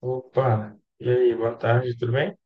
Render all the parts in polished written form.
Opa, e aí, boa tarde, tudo bem?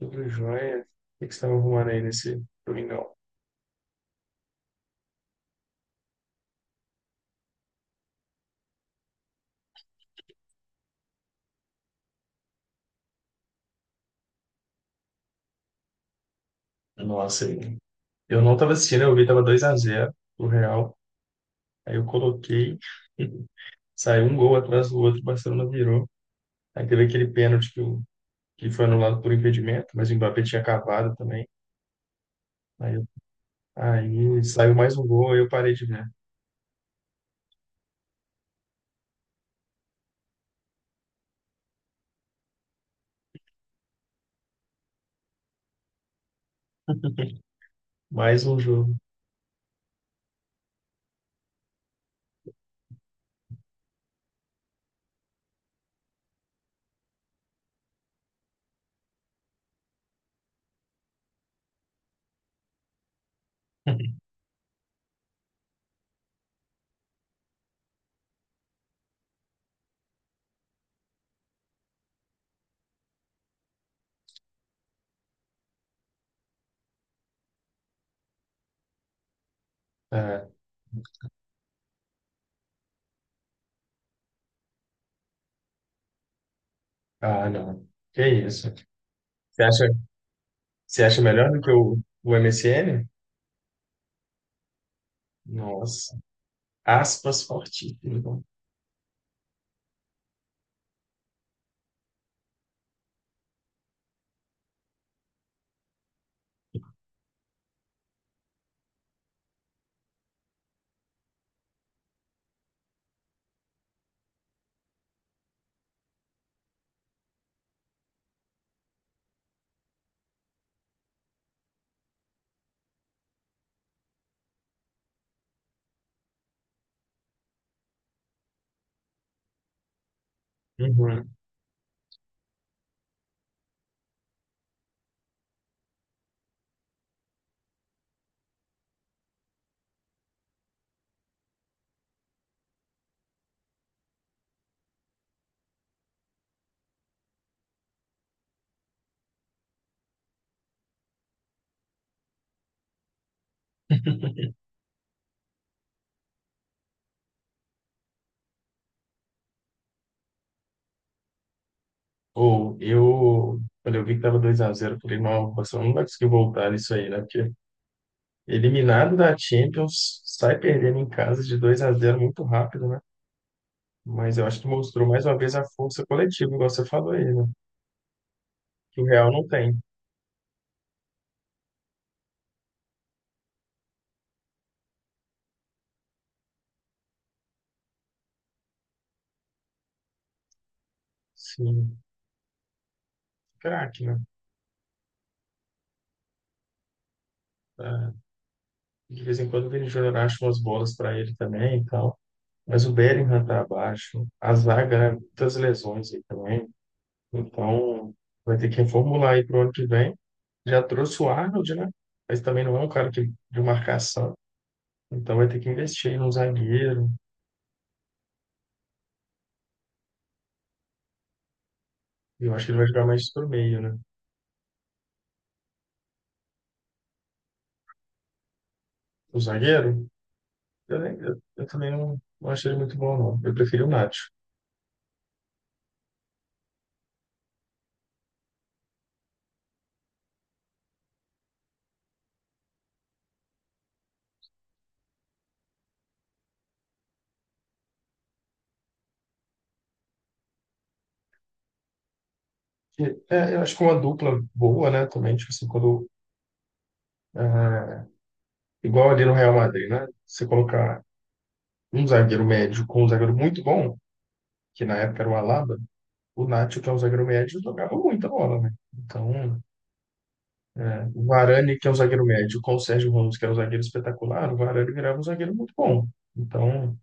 Tudo jóia? O que que você estava arrumando aí nesse domingão? Nossa, aí. Eu não estava assistindo, eu vi, tava 2-0 o Real. Aí eu coloquei, saiu um gol atrás do outro, o Barcelona virou. Aí teve aquele pênalti que foi anulado por impedimento, mas o Mbappé tinha cavado também. Aí, eu- Aí saiu mais um gol, aí eu parei de ver. Mais um jogo. É. Ah, não. Que isso? Você acha, você acha melhor do que o MSN. Nossa, aspas fortíssimas, né? Uhum. Ou eu, quando eu vi que tava 2-0 eu falei, não, o Barcelona não vai conseguir voltar nisso aí, né? Porque eliminado da Champions, sai perdendo em casa de 2-0 muito rápido, né? Mas eu acho que mostrou mais uma vez a força coletiva, igual você falou aí, né? Que o Real não tem. Sim, craque, né? Tá. De vez em quando o Vini Júnior acha umas bolas para ele também e tal. Mas o Bellingham tá abaixo, a zaga, né? Muitas lesões aí também. Então, vai ter que reformular aí para o ano que vem. Já trouxe o Arnold, né? Mas também não é um cara que, de marcação. Então, vai ter que investir aí num zagueiro. E eu acho que ele vai jogar mais pro meio, né? O zagueiro, eu, nem- eu também não achei ele muito bom, não. Eu prefiro o Nacho. E, eu acho que uma dupla boa, né? Também, tipo assim, quando. É, igual ali no Real Madrid, né? Você colocar um zagueiro médio com um zagueiro muito bom, que na época era o Alaba, o Nacho, que é um zagueiro médio, jogava muita bola, né? Então. É, o Varane, que é um zagueiro médio, com o Sérgio Ramos, que é um zagueiro espetacular, o Varane virava um zagueiro muito bom. Então,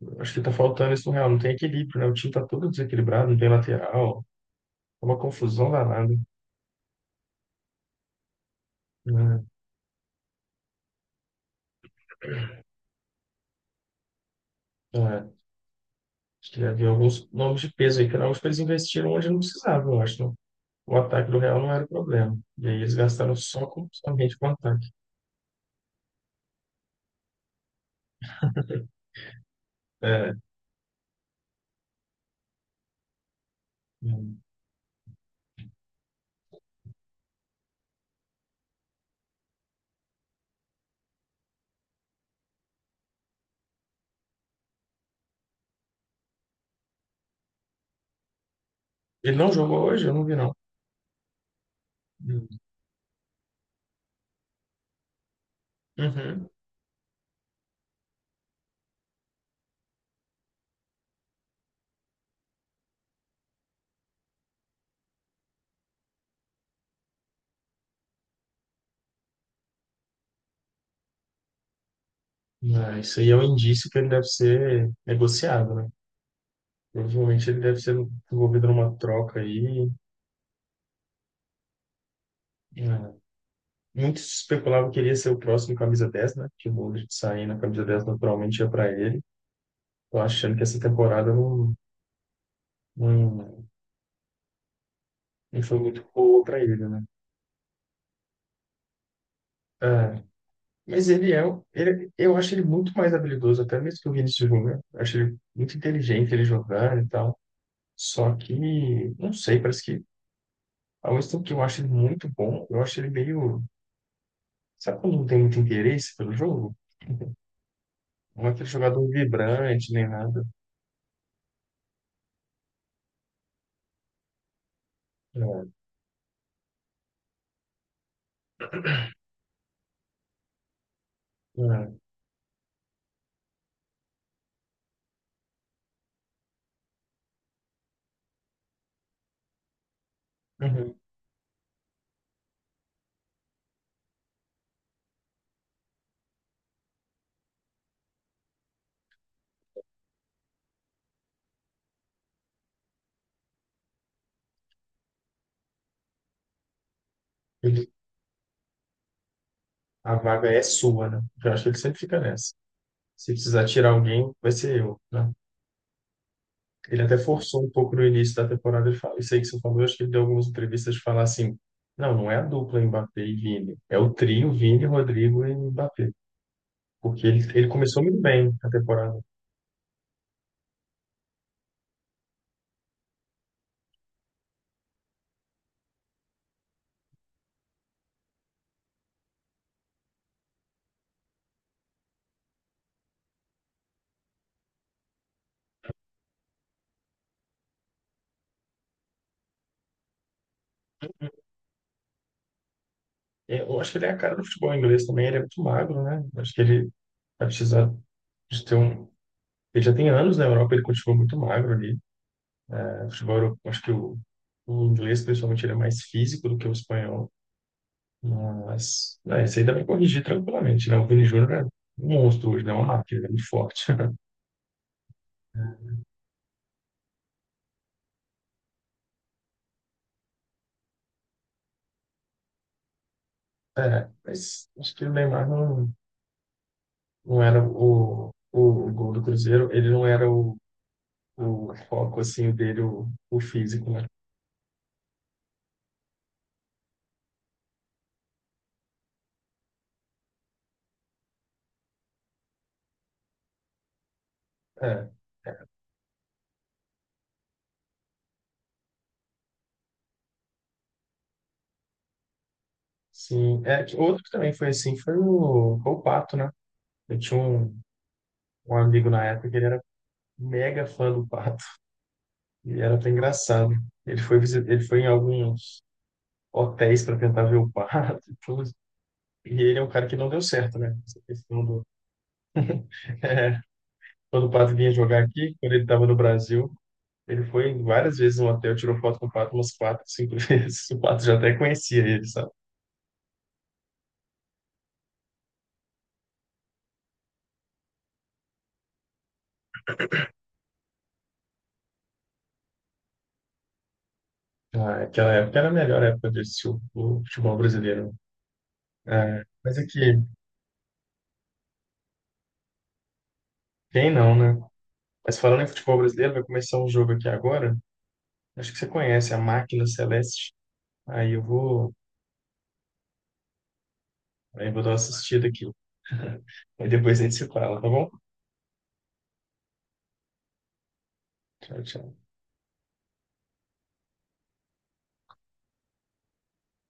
eu acho que tá faltando isso no Real. Não tem equilíbrio, né? O time tá todo desequilibrado, não tem lateral. É uma confusão danada, né? É, acho que havia alguns nomes de peso aí, que eu acho que eles investiram onde não precisavam, eu acho, né? O ataque do Real não era o problema. E aí eles gastaram somente com o ataque. É, hum. Ele não jogou hoje? Eu não vi, não. Hum. Uhum. É, isso aí é um indício que ele deve ser negociado, né? Provavelmente ele deve ser envolvido numa troca aí, né? Muito se especulava que ele ia ser o próximo camisa 10, né? Que o Modric sair na camisa 10 naturalmente ia para ele. Tô achando que essa temporada não, não foi muito boa para ele, né? É, mas ele é, um, ele, eu acho ele muito mais habilidoso, até mesmo que o Vinícius Júnior. Eu acho ele muito inteligente ele jogar e tal. Só que, não sei, parece que ao mesmo tempo que eu acho ele muito bom, eu acho ele meio. Sabe quando não tem muito interesse pelo jogo? Não é aquele jogador vibrante, nem nada. Não, não. Uhum. Ele- a vaga é sua, né? Eu acho que ele sempre fica nessa. Se precisar tirar alguém, vai ser eu, né? Ele até forçou um pouco no início da temporada. Ele fala, isso aí que você falou, eu acho que ele deu algumas entrevistas de falar assim, não, não é a dupla Mbappé e Vini. É o trio Vini, Rodrigo e Mbappé. Ele começou muito bem a temporada. É, eu acho que ele é a cara do futebol inglês também. Ele é muito magro, né? Acho que ele vai precisar de ter um... Ele já tem anos na Europa, ele continua muito magro ali. O futebol, eu acho que o inglês, principalmente, ele é mais físico do que o espanhol. Mas, é, isso aí dá para corrigir tranquilamente, né? O Vini Júnior é um monstro hoje, né? É uma máquina, ele é muito forte. É, mas acho que o Neymar não, não era o gol do Cruzeiro, ele não era o foco, assim, dele, o físico, né? É, sim. É, que outro que também foi assim foi foi o Pato, né? Eu tinha um, um amigo na época que ele era mega fã do Pato. E era até engraçado. Ele foi em alguns hotéis para tentar ver o Pato e tudo. E ele é um cara que não deu certo, né? Essa questão do. É, quando o Pato vinha jogar aqui, quando ele estava no Brasil, ele foi várias vezes no hotel, tirou foto com o Pato umas quatro, cinco vezes. O Pato já até conhecia ele, sabe? Ah, aquela época era a melhor época de assistir o futebol brasileiro. É, mas aqui, quem não, né? Mas falando em futebol brasileiro, vai começar um jogo aqui agora. Acho que você conhece a Máquina Celeste. Aí eu vou. Aí vou dar uma assistida aqui. Aí depois a gente se fala, tá bom? Tchau, tchau.